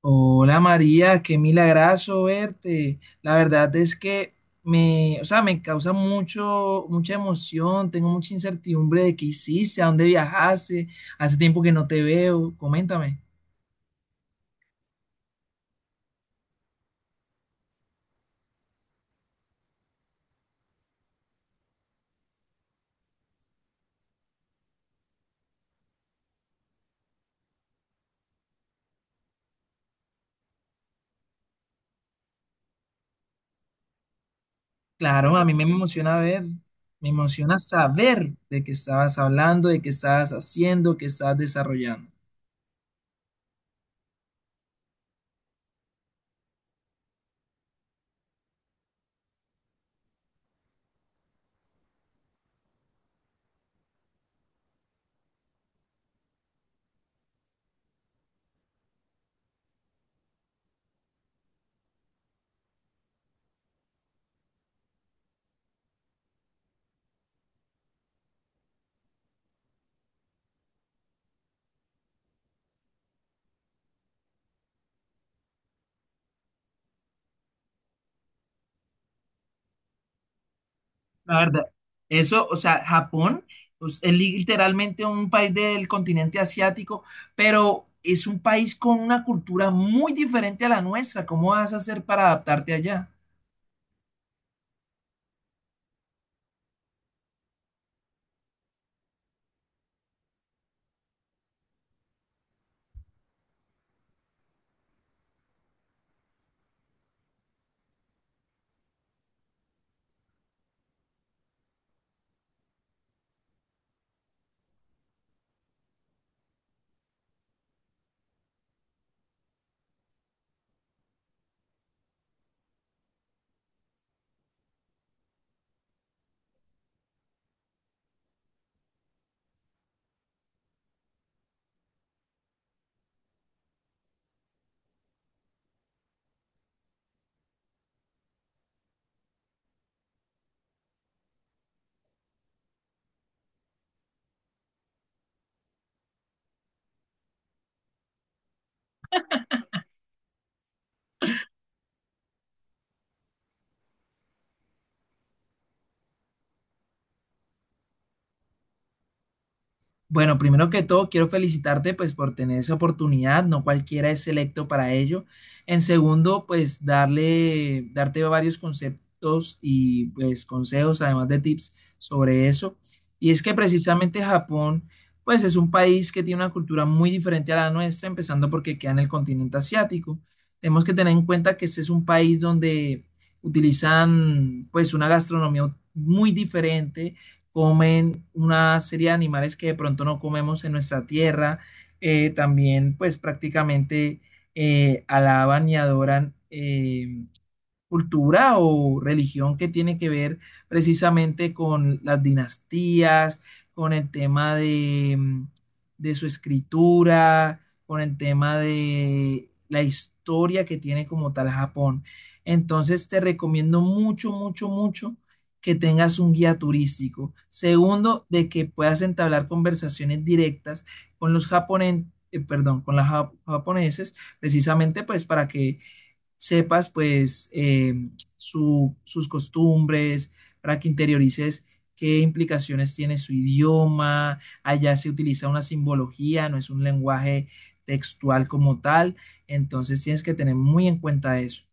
Hola María, qué milagrazo verte. La verdad es que me causa mucha emoción, tengo mucha incertidumbre de qué hiciste, a dónde viajaste, hace tiempo que no te veo, coméntame. Claro, a mí me emociona ver, me emociona saber de qué estabas hablando, de qué estabas haciendo, qué estabas desarrollando. La verdad, eso, o sea, Japón pues, es literalmente un país del continente asiático, pero es un país con una cultura muy diferente a la nuestra. ¿Cómo vas a hacer para adaptarte allá? Bueno, primero que todo, quiero felicitarte pues por tener esa oportunidad, no cualquiera es selecto para ello. En segundo, pues darte varios conceptos y pues consejos, además de tips sobre eso. Y es que precisamente Japón pues es un país que tiene una cultura muy diferente a la nuestra, empezando porque queda en el continente asiático. Tenemos que tener en cuenta que este es un país donde utilizan pues una gastronomía muy diferente, comen una serie de animales que de pronto no comemos en nuestra tierra. También, pues prácticamente alaban y adoran cultura o religión que tiene que ver precisamente con las dinastías, con el tema de, de su escritura, con el tema de la historia que tiene como tal Japón. Entonces te recomiendo mucho que tengas un guía turístico. Segundo, de que puedas entablar conversaciones directas con los japoneses, perdón, con los japoneses, precisamente pues para que sepas pues sus costumbres, para que interiorices qué implicaciones tiene su idioma. Allá se utiliza una simbología, no es un lenguaje textual como tal, entonces tienes que tener muy en cuenta eso.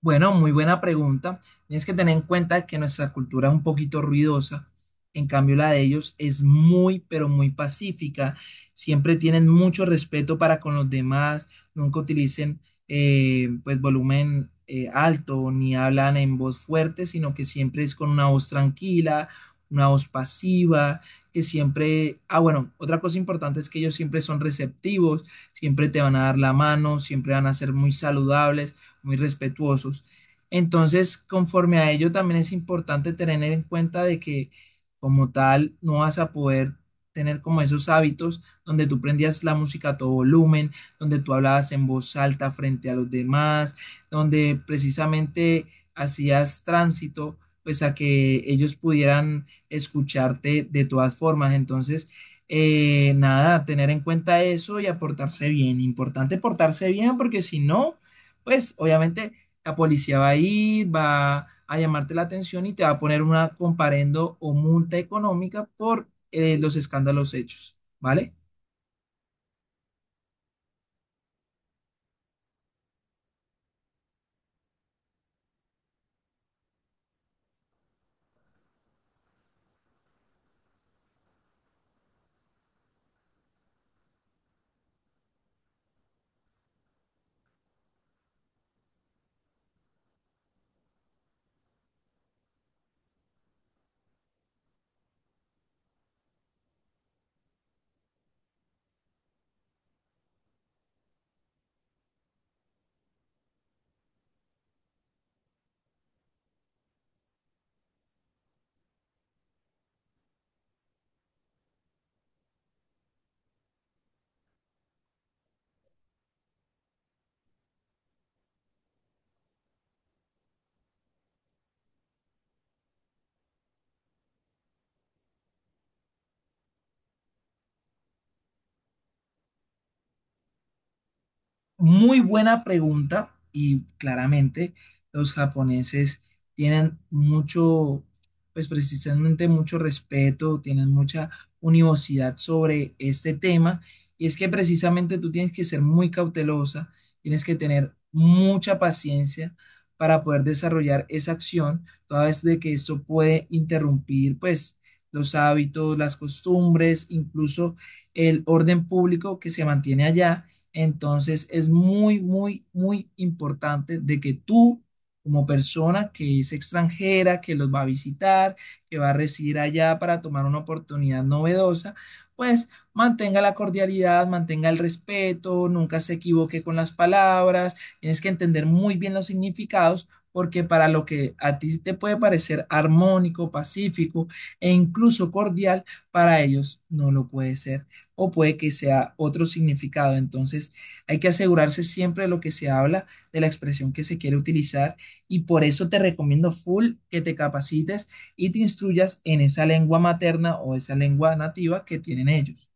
Bueno, muy buena pregunta. Tienes que tener en cuenta que nuestra cultura es un poquito ruidosa, en cambio la de ellos es muy, pero muy pacífica. Siempre tienen mucho respeto para con los demás, nunca utilicen pues volumen alto ni hablan en voz fuerte, sino que siempre es con una voz tranquila, una voz pasiva, que siempre... Ah, bueno, otra cosa importante es que ellos siempre son receptivos, siempre te van a dar la mano, siempre van a ser muy saludables, muy respetuosos. Entonces, conforme a ello, también es importante tener en cuenta de que como tal no vas a poder tener como esos hábitos donde tú prendías la música a todo volumen, donde tú hablabas en voz alta frente a los demás, donde precisamente hacías tránsito, pues a que ellos pudieran escucharte de todas formas. Entonces, nada, tener en cuenta eso y aportarse bien. Importante portarse bien porque si no, pues obviamente la policía va a ir, va a llamarte la atención y te va a poner una comparendo o multa económica por los escándalos hechos, ¿vale? Muy buena pregunta y claramente los japoneses tienen mucho, pues precisamente mucho respeto, tienen mucha univocidad sobre este tema y es que precisamente tú tienes que ser muy cautelosa, tienes que tener mucha paciencia para poder desarrollar esa acción, toda vez de que eso puede interrumpir pues los hábitos, las costumbres, incluso el orden público que se mantiene allá. Entonces es muy importante de que tú, como persona que es extranjera, que los va a visitar, que va a residir allá para tomar una oportunidad novedosa, pues mantenga la cordialidad, mantenga el respeto, nunca se equivoque con las palabras, tienes que entender muy bien los significados. Porque para lo que a ti te puede parecer armónico, pacífico e incluso cordial, para ellos no lo puede ser o puede que sea otro significado. Entonces, hay que asegurarse siempre de lo que se habla, de la expresión que se quiere utilizar y por eso te recomiendo full que te capacites y te instruyas en esa lengua materna o esa lengua nativa que tienen ellos.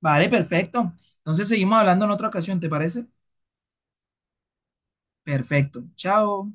Vale, perfecto. Entonces, seguimos hablando en otra ocasión, ¿te parece? Perfecto. Chao.